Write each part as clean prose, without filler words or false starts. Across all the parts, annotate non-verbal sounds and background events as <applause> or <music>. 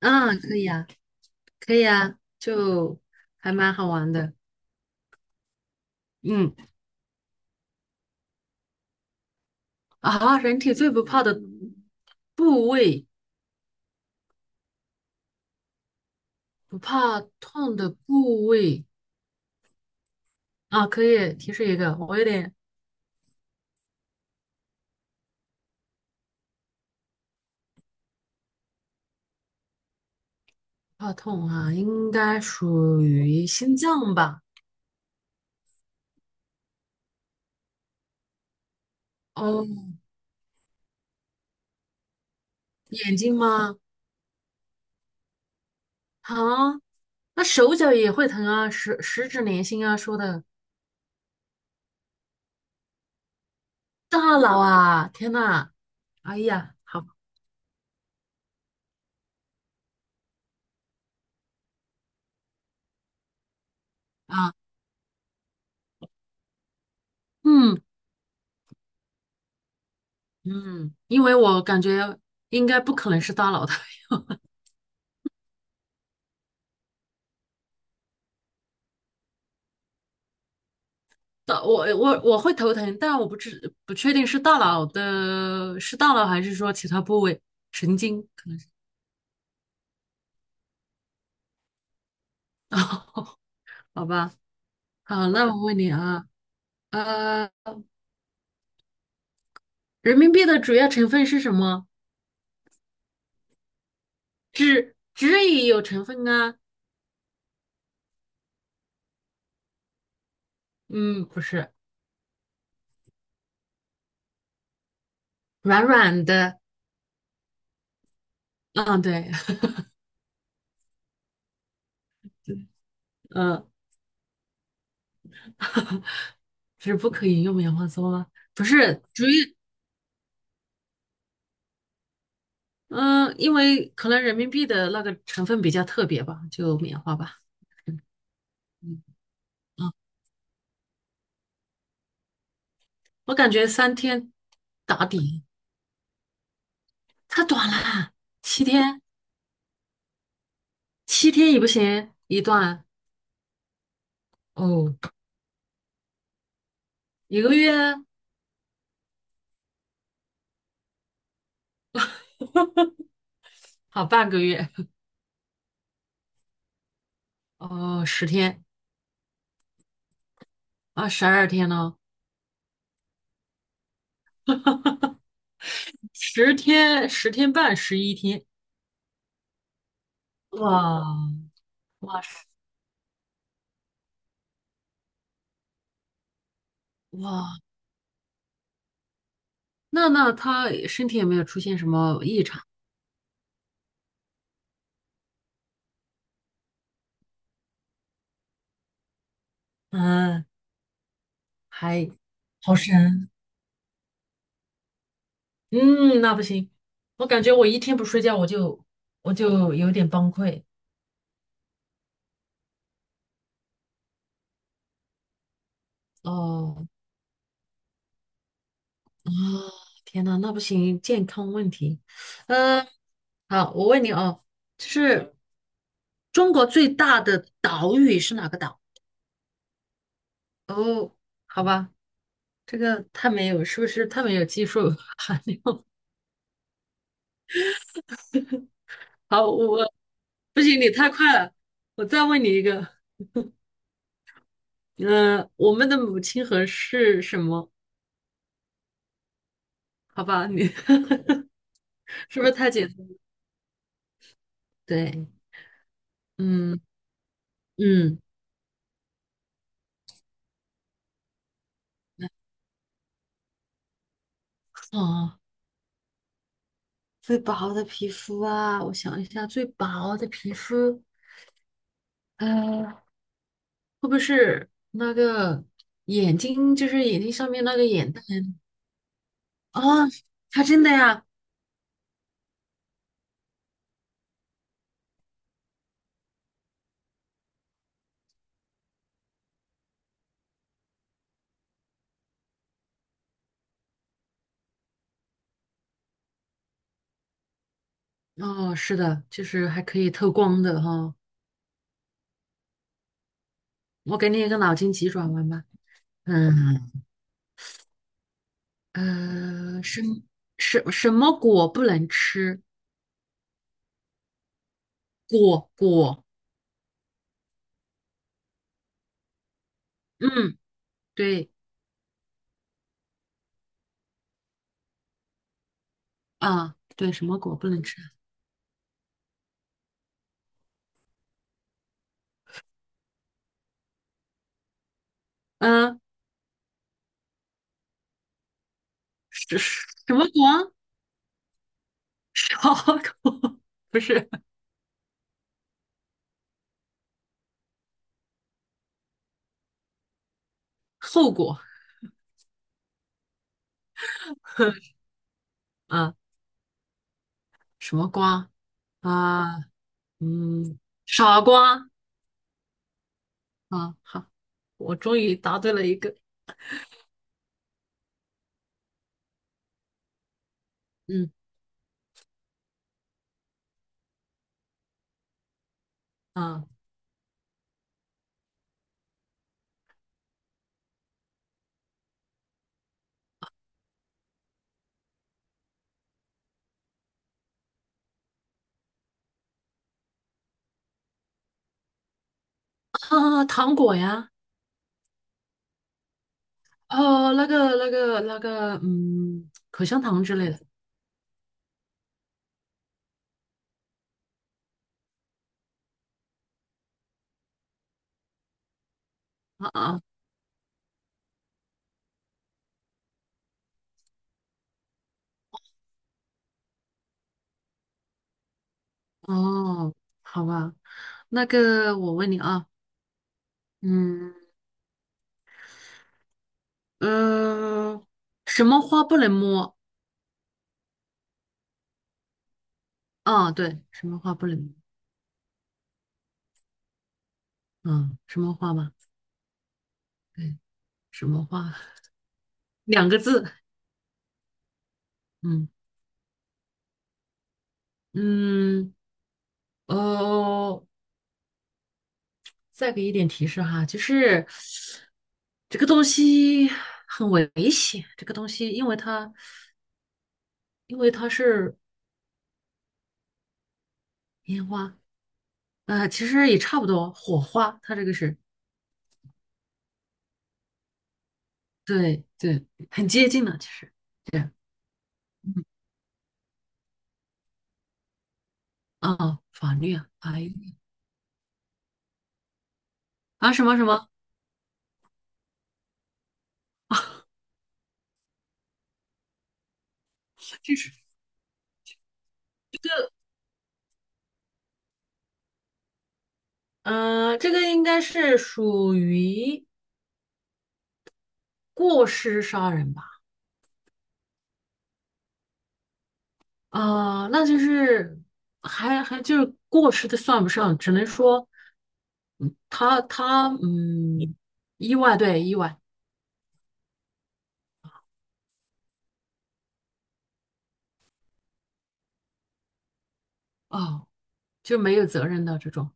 嗯，可以啊，可以啊，就还蛮好玩的。嗯，人体最不怕的部位，不怕痛的部位啊，可以提示一个，我有点怕痛啊，应该属于心脏吧？哦，眼睛吗？啊，那手脚也会疼啊，十指连心啊，说的大脑啊，天呐，哎呀，好啊，嗯嗯，因为我感觉应该不可能是大脑的。大我我我会头疼，但我不确定是大脑的，是大脑还是说其他部位神经，可能是。 <laughs> 啊，好吧。好，那我问你啊，呃，人民币的主要成分是什么？纸纸也有成分啊。嗯，不是，软软的。嗯，对。嗯，<laughs> 纸不可以用棉花做吗？不是，主要，嗯，因为可能人民币的那个成分比较特别吧，就棉花吧。嗯嗯。我感觉三天打底，太短了，七天七天也不行，一段哦，一个月，好，半个月，哦，十天，啊，十二天呢，十一天，哇，哇，哇，那那他身体有没有出现什么异常？嗯，还，好神，嗯，那不行，我感觉我一天不睡觉我就有点崩溃。哦。啊，天呐，那不行，健康问题。嗯，好，我问你哦，就是中国最大的岛屿是哪个岛？哦，好吧，这个太没有，是不是太没有技术 <laughs> 含量？<laughs> 好，我，不行，你太快了，我再问你一个。嗯、我们的母亲河是什么？好吧，你 <laughs> 是不是太简单？对，嗯嗯，哦，最薄的皮肤啊，我想一下，最薄的皮肤。嗯，会不会是那个眼睛，就是眼睛上面那个眼袋？啊？它真的呀？哦，是的，就是还可以透光的哈。我给你一个脑筋急转弯吧。嗯，呃，什什什么果不能吃？果，果，嗯，对啊，对，什么果不能吃？嗯，什么果？啥果？<laughs> 不是，后果。 <laughs> 啊？什么瓜？啊？嗯，傻瓜，啊，好，我终于答对了一个，嗯，啊啊，糖果呀，哦，那个，嗯，口香糖之类的，啊，啊，哦，好吧，那个我问你啊，嗯，呃，什么花不能摸？啊，对，什么花不能摸？嗯，什么花嘛？对，什么花？<laughs> 两个字，嗯嗯，哦。再给一点提示哈，就是这个东西很危险。这个东西，因为它是烟花，呃，其实也差不多，火花，它这个是，对对，很接近的，其实对，嗯，啊，法律啊，法律啊，什么什么，这是，呃，这个应该是属于过失杀人吧？啊，那就是还，还就是过失的算不上，只能说，嗯，他他，嗯，意外，对，意外，哦，就没有责任的这种，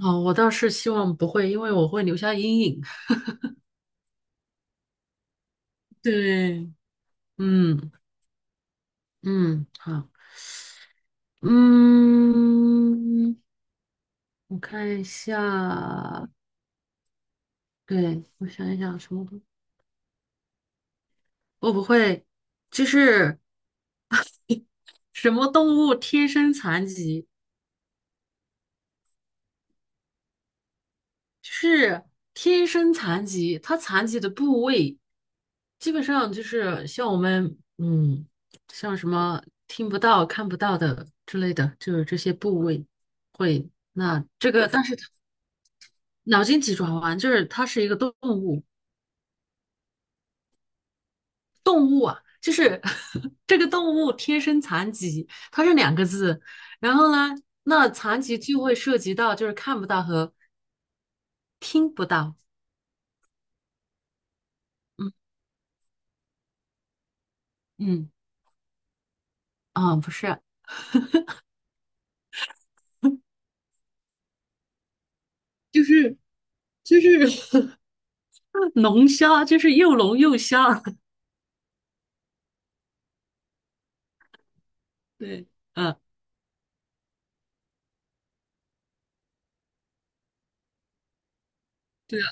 哦，我倒是希望不会，因为我会留下阴影。<laughs> 对，嗯嗯，好，嗯，我看一下，对，我想一想什么动物，我不会，就是什么动物天生残疾。就是天生残疾，它残疾的部位基本上就是像我们，嗯，像什么听不到、看不到的之类的，就是这些部位会。那这个，但是它，脑筋急转弯，就是它是一个动物，就是 <laughs> 这个动物天生残疾，它是两个字。然后呢，那残疾就会涉及到就是看不到和听不到。嗯嗯，啊，不是，就是就是。<laughs> <laughs> 龙虾，就是又龙又虾，<laughs> 对，嗯，对啊，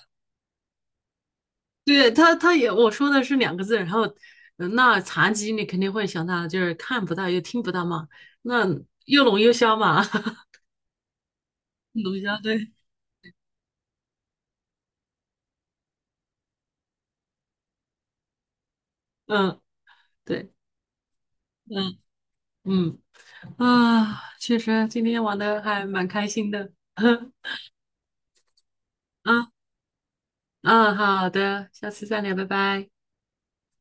对，他他也，我说的是两个字，然后，呃，那残疾你肯定会想到就是看不到又听不到嘛，那又聋又瞎嘛，<laughs> 龙虾，对，嗯，对，嗯嗯，啊，确实今天玩的还蛮开心的，<laughs> 嗯，啊，好的，下次再聊，拜拜。